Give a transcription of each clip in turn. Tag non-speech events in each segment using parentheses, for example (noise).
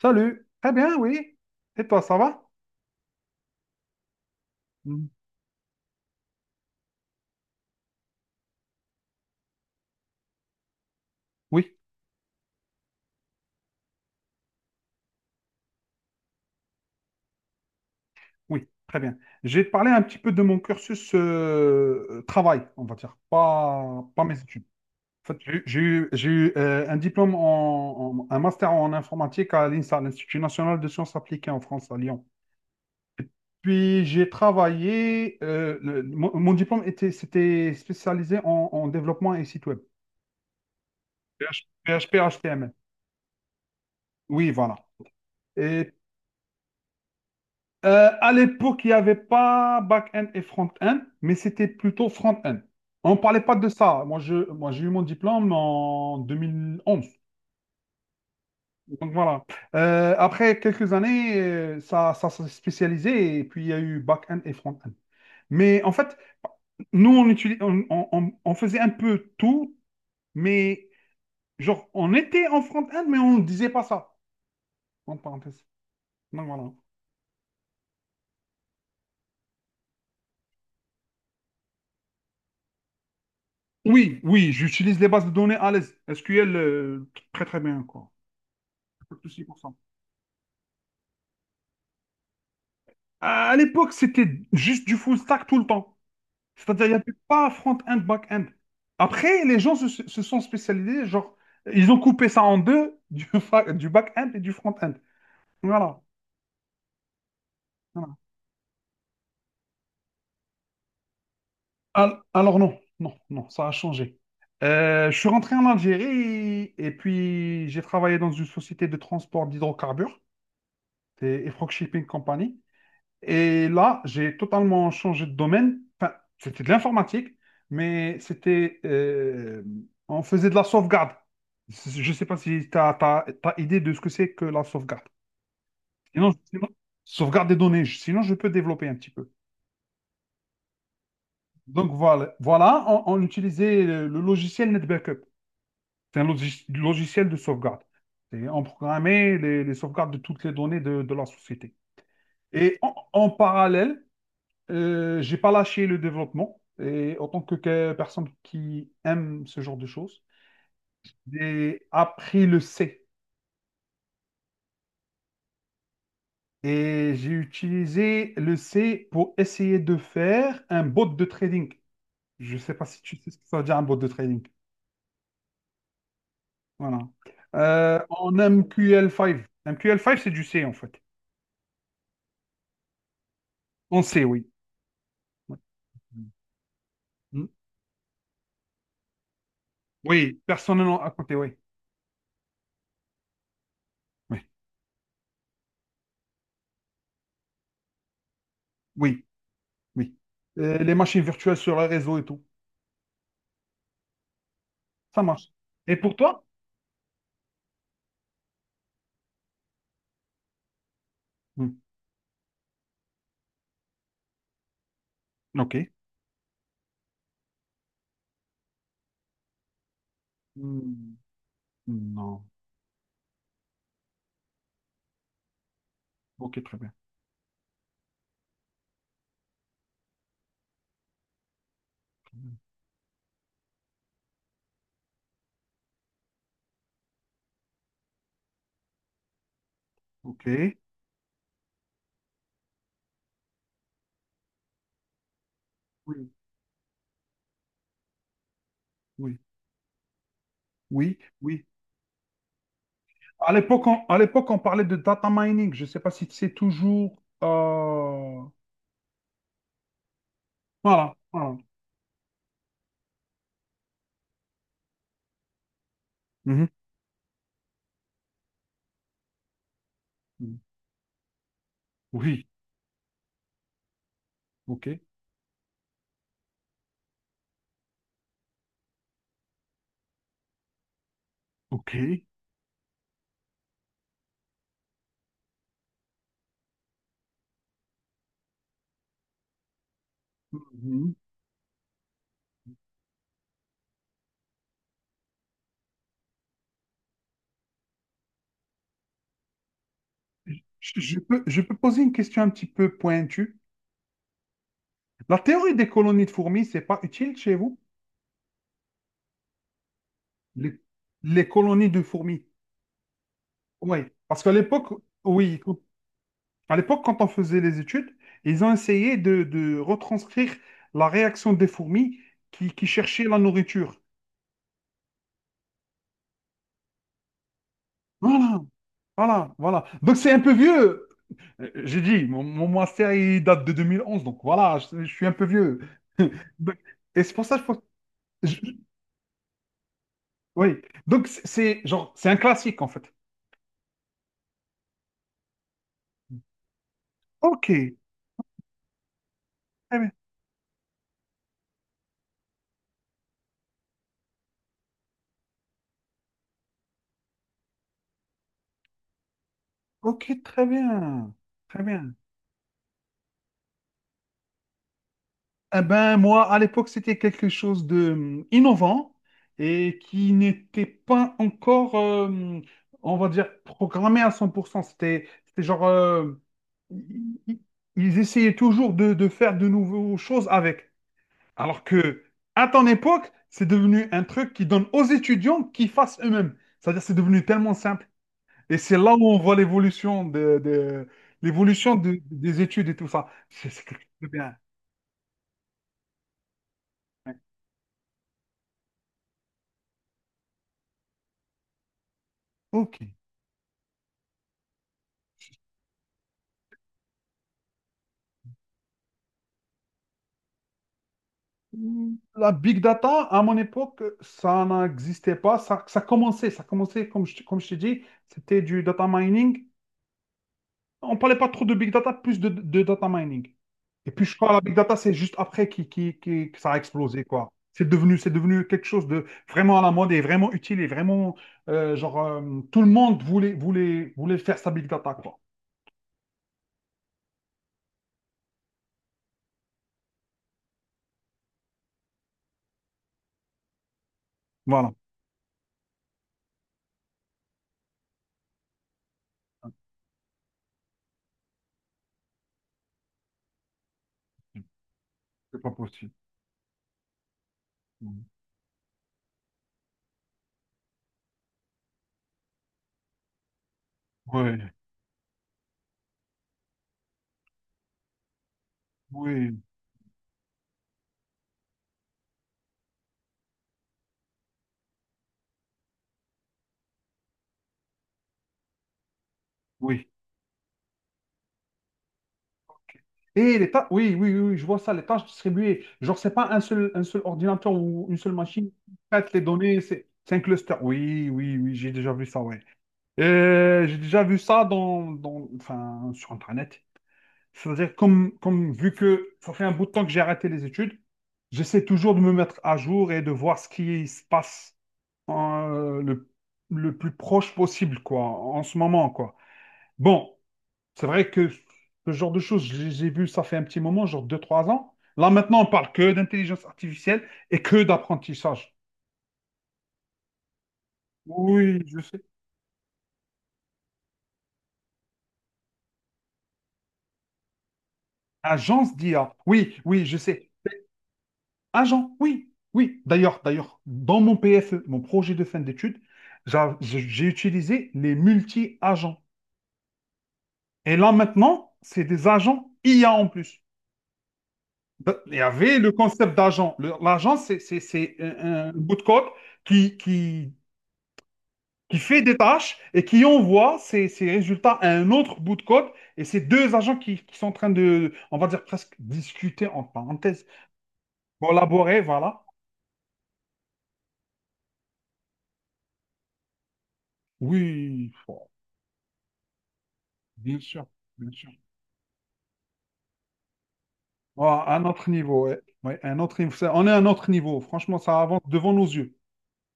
Salut. Très bien, oui. Et toi, ça va? Mm. Oui, oui, très bien. J'ai parlé un petit peu de mon cursus travail, on va dire, pas mes études. En fait, un diplôme en un master en informatique à l'INSA, l'Institut national de sciences appliquées en France, à Lyon. Puis j'ai travaillé, mon diplôme c'était spécialisé en développement et site web. PHP, HTML. Oui, voilà. Et à l'époque, il n'y avait pas back-end et front-end, mais c'était plutôt front-end. On ne parlait pas de ça. Moi, j'ai eu mon diplôme en 2011. Donc voilà. Après quelques années, ça s'est spécialisé et puis il y a eu back-end et front-end. Mais en fait, nous, on, utilis- on faisait un peu tout, mais genre, on était en front-end, mais on ne disait pas ça. En parenthèse. Donc voilà. Oui, oui, j'utilise les bases de données à l'aise. SQL, très très bien, quoi. Pas de souci pour ça. À l'époque, c'était juste du full stack tout le temps. C'est-à-dire, il n'y avait pas front-end, back-end. Après, les gens se sont spécialisés, genre, ils ont coupé ça en deux, du back-end et du front-end. Voilà. Voilà. Alors, non, non, non, ça a changé. Je suis rentré en Algérie et puis j'ai travaillé dans une société de transport d'hydrocarbures, c'est Efrog Shipping Company. Et là, j'ai totalement changé de domaine. Enfin, c'était de l'informatique, mais on faisait de la sauvegarde. Je ne sais pas si tu as idée de ce que c'est que la sauvegarde. Sinon, sauvegarde des données. Sinon, je peux développer un petit peu. Donc, voilà, voilà, on utilisait le logiciel NetBackup. C'est un logiciel de sauvegarde. Et on programmait les sauvegardes de toutes les données de la société. Et en parallèle, j'ai pas lâché le développement et en tant que personne qui aime ce genre de choses, j'ai appris le C et j'ai utilisé le C pour essayer de faire un bot de trading. Je sais pas si tu sais ce que ça veut dire un bot de trading. Voilà. En MQL5. MQL5, c'est du C en fait. En C, oui. Ouais. Hmm. Oui, personnellement à côté, oui. Oui, oui, oui. Les machines virtuelles sur le réseau et tout. Ça marche. Et pour toi? Hmm. Ok. Hmm, non. Ok, très bien. Très bien. Ok. Oui, oui, oui, oui. À l'époque, à l'époque, on parlait de data mining. Je ne sais pas si c'est toujours. Voilà, voilà. Mhm. Mhm. Oui, ok, ok. Mhm. Je peux poser une question un petit peu pointue. La théorie des colonies de fourmis, c'est pas utile chez vous? Les, les colonies de fourmis. Oui, parce qu'à l'époque, oui, à l'époque, quand on faisait les études, ils ont essayé de retranscrire la réaction des fourmis qui cherchaient la nourriture. Voilà, voilà, voilà. Donc c'est un peu vieux. J'ai dit, mon master, il date de 2011, donc voilà, je suis un peu vieux. (laughs) Donc, et c'est pour ça que je pense... je- oui, donc c'est genre, c'est un classique en fait. Ok, très bien. Ok, très bien. Très bien. Eh ben, moi, à l'époque, c'était quelque chose de innovant et qui n'était pas encore, on va dire, programmé à cent pour cent. C'était genre, i- ils essayaient toujours de faire de nouvelles choses avec. Alors que, à ton époque, c'est devenu un truc qui donne aux étudiants qu'ils fassent eux-mêmes. C'est-à-dire, c'est devenu tellement simple. Et c'est là où on voit l'évolution de des études et tout ça. C'est quelque chose de bien. Ok. La big data, à mon époque, ça n'existait pas. Ça commençait, comme je t'ai dit, c'était du data mining. On ne parlait pas trop de big data, plus de data mining. Et puis, je crois que la big data, c'est juste après que ça a explosé, quoi. C'est devenu quelque chose de vraiment à la mode et vraiment utile et vraiment, genre, tout le monde voulait faire sa big data, quoi. Voilà. C'est pas possible. Oui, oui, oui. Et les tâches, oui, oui, oui, oui, je vois ça, les tâches distribuées. Genre, c'est pas un seul ordinateur ou une seule machine qui traite les données, c'est un cluster. Oui, oui, oui, j'ai déjà vu ça, ouais. J'ai déjà vu ça dans, enfin, sur Internet. C'est-à-dire, comme vu que ça fait un bout de temps que j'ai arrêté les études, j'essaie toujours de me mettre à jour et de voir ce qui se passe euh, le, le plus proche possible, quoi, en ce moment, quoi. Bon, c'est vrai que ce genre de choses, j'ai les ai ça fait un petit moment, genre deux trois ans. Là, maintenant, on parle que d'intelligence artificielle et que d'apprentissage. Oui, je sais. Agence d'IA. Oui, oui, je sais. Agent, oui, oui. D'ailleurs, dans mon PFE, mon projet de fin d'études, j'ai utilisé les multi-agents. Et là, maintenant, c'est des agents IA en plus. Ben, il y avait le concept d'agent. L'agent, c'est un bout de code qui, qui qui fait des tâches et qui envoie ces résultats à un autre bout de code. Et ces deux agents qui sont en train de, on va dire presque discuter, en parenthèse, collaborer, voilà. Oui, bon, bien sûr, bien sûr. Oh, un autre niveau, ouais. Ouais, un autre niveau. On est à un autre niveau. Franchement, ça avance devant nos yeux.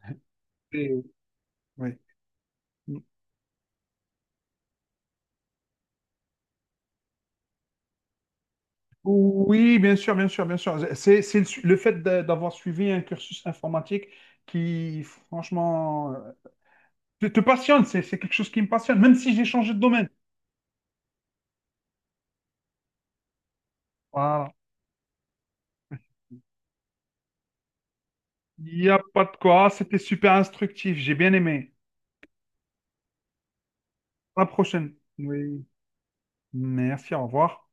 (laughs) Et- ouais. Oui, bien sûr, bien sûr, bien sûr. C'est le fait d'avoir suivi un cursus informatique qui, franchement, te passionne. C'est quelque chose qui me passionne, même si j'ai changé de domaine. Voilà. Il n'y a pas de quoi. C'était super instructif. J'ai bien aimé. À la prochaine. Oui. Merci, au revoir.